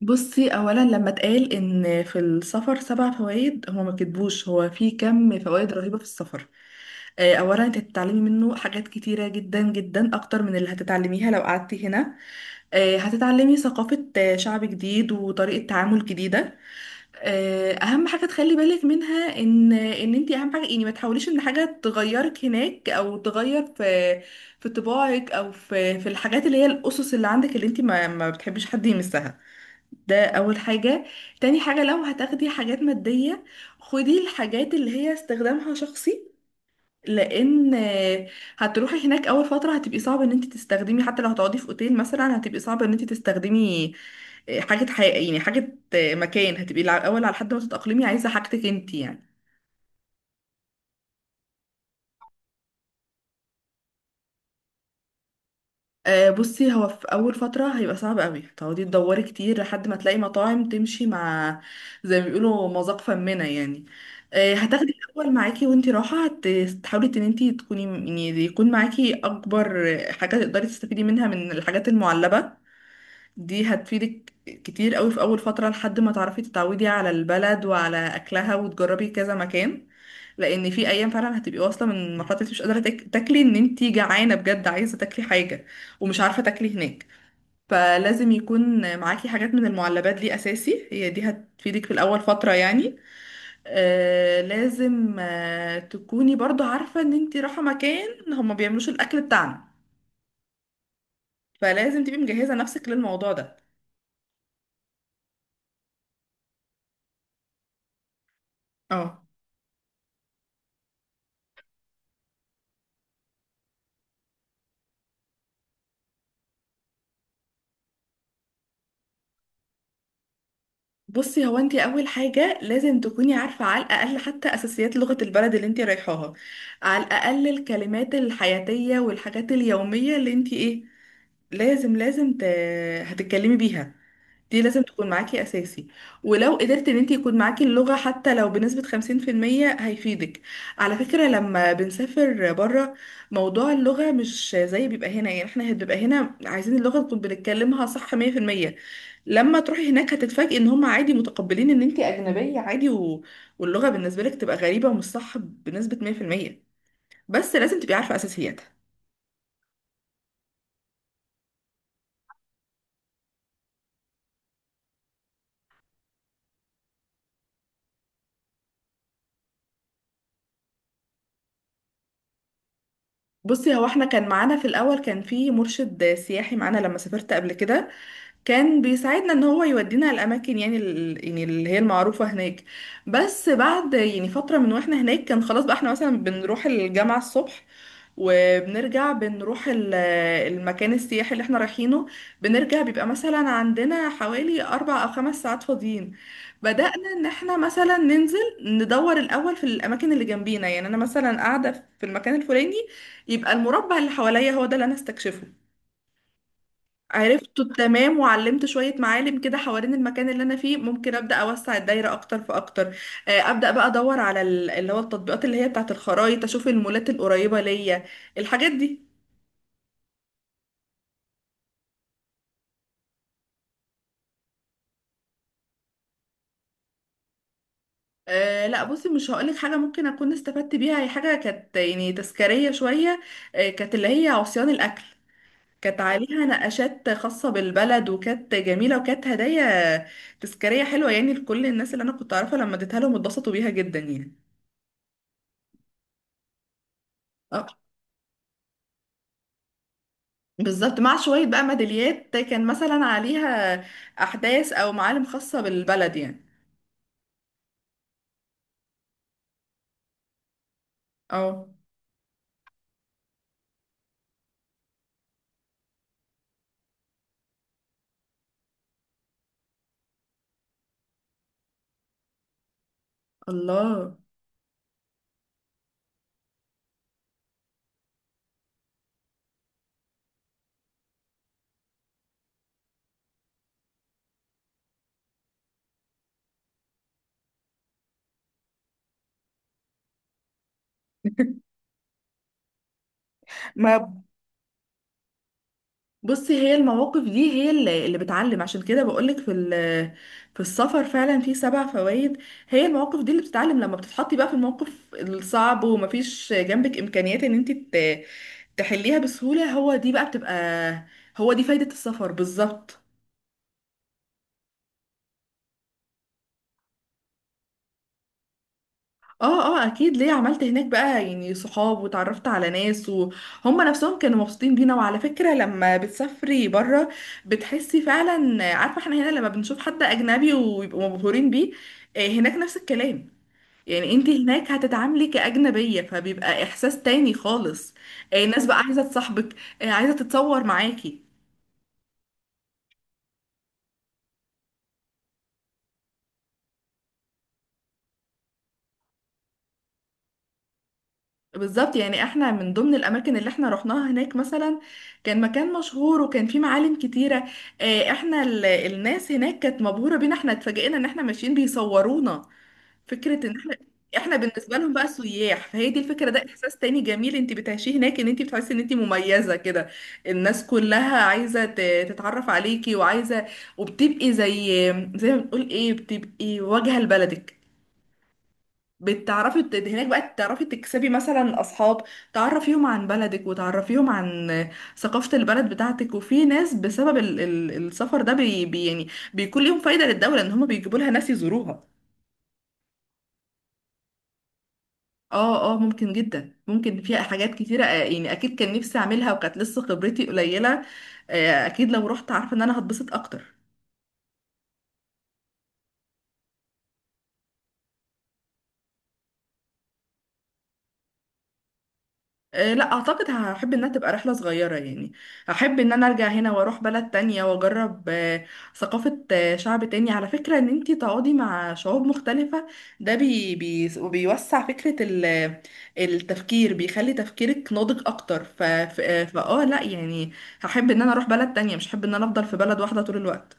بصي، اولا لما اتقال ان في السفر سبع فوائد، هو ما كتبوش، هو في كم فوائد رهيبه في السفر. اولا انت هتتعلمي منه حاجات كتيره جدا جدا اكتر من اللي هتتعلميها لو قعدتي هنا. هتتعلمي ثقافه، شعب جديد وطريقه تعامل جديده. اهم حاجه تخلي بالك منها ان ان انت اهم حاجه، يعني ما تحاوليش ان حاجه تغيرك هناك او تغير في في طباعك او في الحاجات اللي هي الاسس اللي عندك اللي انت ما بتحبيش حد يمسها. ده اول حاجة. تاني حاجة، لو هتاخدي حاجات مادية خدي الحاجات اللي هي استخدامها شخصي. لان هتروحي هناك اول فترة، هتبقي صعب ان انت تستخدمي، حتى لو هتقعدي في اوتيل مثلا هتبقي صعب ان انت تستخدمي حاجة حقيقية، يعني حاجة مكان، هتبقي الاول على حد ما تتأقلمي عايزة حاجتك انت يعني. بصي، هو في اول فتره هيبقى صعب قوي تقعدي تدوري كتير لحد ما تلاقي مطاعم تمشي مع، زي ما بيقولوا مذاق فمنا يعني. هتاخدي الاول معاكي وانتي رايحه، تحاولي ان انتي تكوني، يعني يكون معاكي اكبر حاجه تقدري تستفيدي منها من الحاجات المعلبه. دي هتفيدك كتير قوي في اول فتره لحد ما تعرفي تتعودي على البلد وعلى اكلها وتجربي كذا مكان. لان في ايام فعلا هتبقي واصله من مرحله، انت مش قادره تاكلي، ان انت جعانه بجد عايزه تاكلي حاجه ومش عارفه تاكلي هناك. فلازم يكون معاكي حاجات من المعلبات دي اساسي، هي دي هتفيدك في الاول فتره يعني. لازم تكوني برضو عارفه ان انت رايحه مكان هما بيعملوش الاكل بتاعنا. فلازم تبقي مجهزه نفسك للموضوع ده. اه. بصي، هو انت اول حاجه لازم تكوني عارفه على الاقل حتى اساسيات لغه البلد اللي انت رايحاها، على الاقل الكلمات الحياتيه والحاجات اليوميه اللي انت ايه. لازم هتتكلمي بيها. دي لازم تكون معاكي اساسي. ولو قدرت ان انت يكون معاكي اللغة حتى لو بنسبة 50% هيفيدك. على فكرة، لما بنسافر بره، موضوع اللغة مش زي بيبقى هنا، يعني احنا بيبقى هنا عايزين اللغة نكون بنتكلمها صح 100%. لما تروحي هناك هتتفاجئي ان هم عادي متقبلين ان انت اجنبية عادي. واللغة بالنسبة لك تبقى غريبة ومش صح بنسبة 100%، بس لازم تبقي عارفة اساسياتها. بصي، هو احنا كان معانا في الاول، كان في مرشد سياحي معانا لما سافرت قبل كده. كان بيساعدنا ان هو يودينا الاماكن، يعني اللي هي المعروفه هناك. بس بعد يعني فتره من واحنا هناك، كان خلاص بقى احنا مثلا بنروح الجامعه الصبح، وبنرجع بنروح المكان السياحي اللي احنا رايحينه. بنرجع بيبقى مثلا عندنا حوالي 4 او 5 ساعات فاضيين. بدأنا ان احنا مثلا ننزل ندور الاول في الاماكن اللي جنبينا، يعني انا مثلا قاعده في المكان الفلاني، يبقى المربع اللي حواليا هو ده اللي انا استكشفه. عرفته تمام، وعلمت شوية معالم كده حوالين المكان اللي أنا فيه، ممكن أبدأ أوسع الدايرة أكتر فأكتر. أبدأ بقى أدور على اللي هو التطبيقات اللي هي بتاعة الخرايط، أشوف المولات القريبة ليا، الحاجات دي. أه لا، بصي، مش هقولك حاجة ممكن أكون استفدت بيها، هي حاجة كانت يعني تذكارية شوية. أه، كانت اللي هي عصيان الأكل. كانت عليها نقاشات خاصة بالبلد، وكانت جميلة، وكانت هدايا تذكارية حلوة يعني، لكل الناس اللي أنا كنت أعرفها. لما اديتها لهم اتبسطوا بيها جدا يعني. بالظبط، مع شوية بقى ميداليات كان مثلا عليها أحداث أو معالم خاصة بالبلد يعني. اه. الله. ما، بصي، هي المواقف دي هي اللي بتعلم، عشان كده بقولك في السفر فعلا في سبع فوائد. هي المواقف دي اللي بتتعلم، لما بتتحطي بقى في الموقف الصعب ومفيش جنبك إمكانيات إن انت تحليها بسهولة، هو دي بقى بتبقى، هو دي فايدة السفر بالظبط. اه اه، اكيد. ليه، عملت هناك بقى يعني صحاب، وتعرفت على ناس وهم نفسهم كانوا مبسوطين بينا. وعلى فكرة لما بتسافري بره بتحسي فعلا، عارفة احنا هنا لما بنشوف حد اجنبي ويبقوا مبهورين بيه، هناك نفس الكلام. يعني انت هناك هتتعاملي كأجنبية، فبيبقى احساس تاني خالص. الناس بقى عايزة تصاحبك، عايزة تتصور معاكي. بالظبط، يعني احنا من ضمن الاماكن اللي احنا رحناها هناك مثلا، كان مكان مشهور وكان فيه معالم كتيره. احنا الناس هناك كانت مبهوره بينا، احنا اتفاجئنا ان احنا ماشيين بيصورونا، فكره ان احنا بالنسبه لهم بقى سياح. فهي دي الفكره، ده احساس تاني جميل انت بتعيشيه هناك، ان انت بتحسي ان انت مميزه كده. الناس كلها عايزه تتعرف عليكي، وعايزه، وبتبقي زي ما بنقول ايه، بتبقي واجهه لبلدك. بتعرفي هناك بقى تعرفي تكسبي مثلا اصحاب، تعرفيهم عن بلدك وتعرفيهم عن ثقافة البلد بتاعتك. وفي ناس بسبب ال السفر ده بي يعني بيكون ليهم فايدة للدولة ان هم بيجيبوا لها ناس يزوروها. اه اه، ممكن جدا. ممكن فيها حاجات كتيرة، يعني اكيد كان نفسي اعملها وكانت لسه خبرتي قليلة. اكيد لو رحت عارفة ان انا هتبسط اكتر. لا اعتقد، هحب انها تبقى رحله صغيره يعني. هحب ان انا ارجع هنا واروح بلد تانية واجرب ثقافه، شعب تاني. على فكره، ان انتي تقعدي مع شعوب مختلفه، ده بي بيوسع فكره التفكير، بيخلي تفكيرك ناضج اكتر، ف ف- آه، فاه لا يعني. هحب ان انا اروح بلد تانية، مش هحب ان انا افضل في بلد واحده طول الوقت.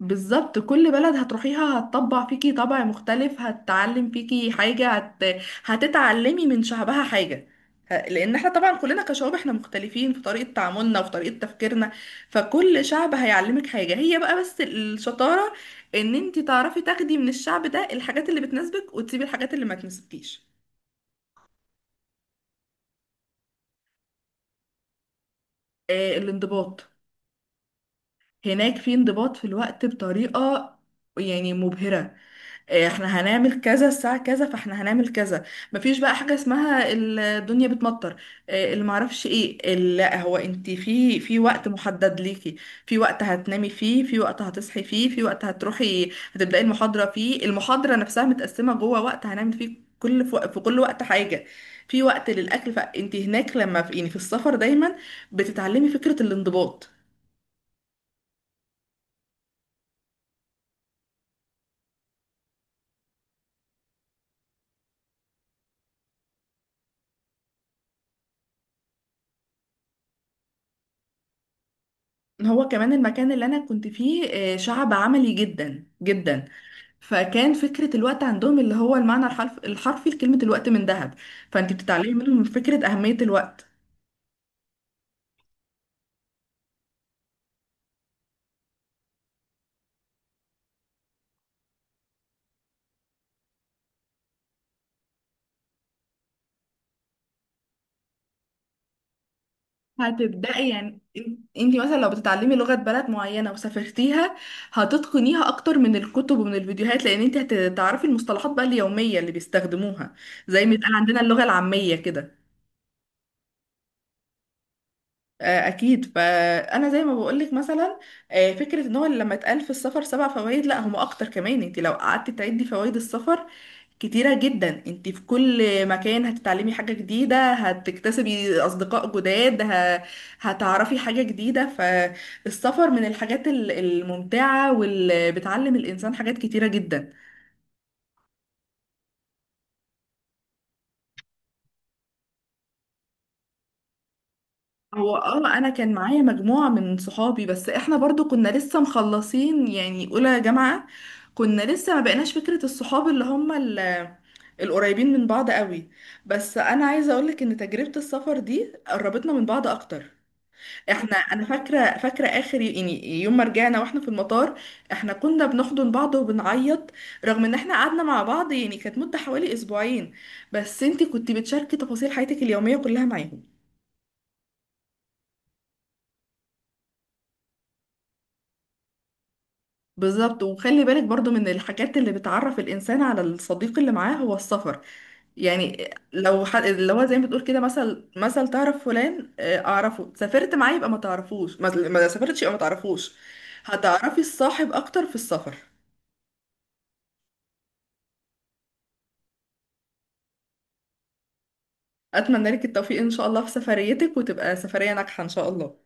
بالظبط، كل بلد هتروحيها هتطبع فيكي طبع مختلف، هتتعلم فيكي حاجة، هتتعلمي من شعبها حاجة. لأن احنا طبعا كلنا كشعوب احنا مختلفين في طريقة تعاملنا وفي طريقة تفكيرنا. فكل شعب هيعلمك حاجة، هي بقى بس الشطارة ان انت تعرفي تاخدي من الشعب ده الحاجات اللي بتناسبك وتسيبي الحاجات اللي ما تناسبكيش. الانضباط. هناك في انضباط في الوقت بطريقة يعني مبهرة. إيه، احنا هنعمل كذا الساعة كذا فاحنا هنعمل كذا. مفيش بقى حاجة اسمها الدنيا بتمطر. إيه، اللي معرفش ايه لا، هو انت في وقت محدد ليكي، في وقت هتنامي فيه، في وقت هتصحي فيه، في وقت هتروحي هتبدأي المحاضرة فيه، المحاضرة نفسها متقسمة جوه وقت هنعمل فيه كل، في كل وقت حاجة، في وقت للأكل. فانت هناك لما في يعني في السفر دايما بتتعلمي فكرة الانضباط. هو كمان المكان اللي انا كنت فيه شعب عملي جدا جدا. فكان فكرة الوقت عندهم، اللي هو المعنى الحرفي لكلمة الوقت من ذهب. فانت بتتعلمي منهم فكرة أهمية الوقت. هتبدأي يعني، انت مثلا لو بتتعلمي لغة بلد معينة وسافرتيها، هتتقنيها أكتر من الكتب ومن الفيديوهات، لأن انت هتعرفي المصطلحات بقى اليومية اللي بيستخدموها، زي ما يتقال عندنا اللغة العامية كده. اكيد، فانا زي ما بقولك مثلا، فكره ان هو لما اتقال في السفر سبع فوائد، لا هم اكتر كمان. انت لو قعدت تعدي فوائد السفر كتيره جدا، انت في كل مكان هتتعلمي حاجه جديده، هتكتسبي اصدقاء جداد، هتعرفي حاجه جديده. فالسفر من الحاجات الممتعه واللي بتعلم الانسان حاجات كتيره جدا. هو انا كان معايا مجموعة من صحابي، بس احنا برضو كنا لسه مخلصين يعني اولى جامعة، كنا لسه ما بقيناش فكرة الصحاب اللي هم القريبين من بعض قوي، بس انا عايزة اقولك ان تجربة السفر دي قربتنا من بعض اكتر. احنا، انا فاكرة اخر يعني يوم ما رجعنا واحنا في المطار، احنا كنا بنحضن بعض وبنعيط، رغم ان احنا قعدنا مع بعض يعني كانت مدة حوالي اسبوعين، بس انتي كنتي بتشاركي تفاصيل حياتك اليومية كلها معاهم. بالظبط. وخلي بالك برضو من الحاجات اللي بتعرف الإنسان على الصديق اللي معاه هو السفر. يعني لو اللي هو زي ما بتقول كده، مثل تعرف فلان، أعرفه، سافرت معاه يبقى ما تعرفوش، ما سافرتش يبقى ما تعرفوش. هتعرفي الصاحب أكتر في السفر. أتمنى لك التوفيق إن شاء الله في سفريتك، وتبقى سفرية ناجحة إن شاء الله.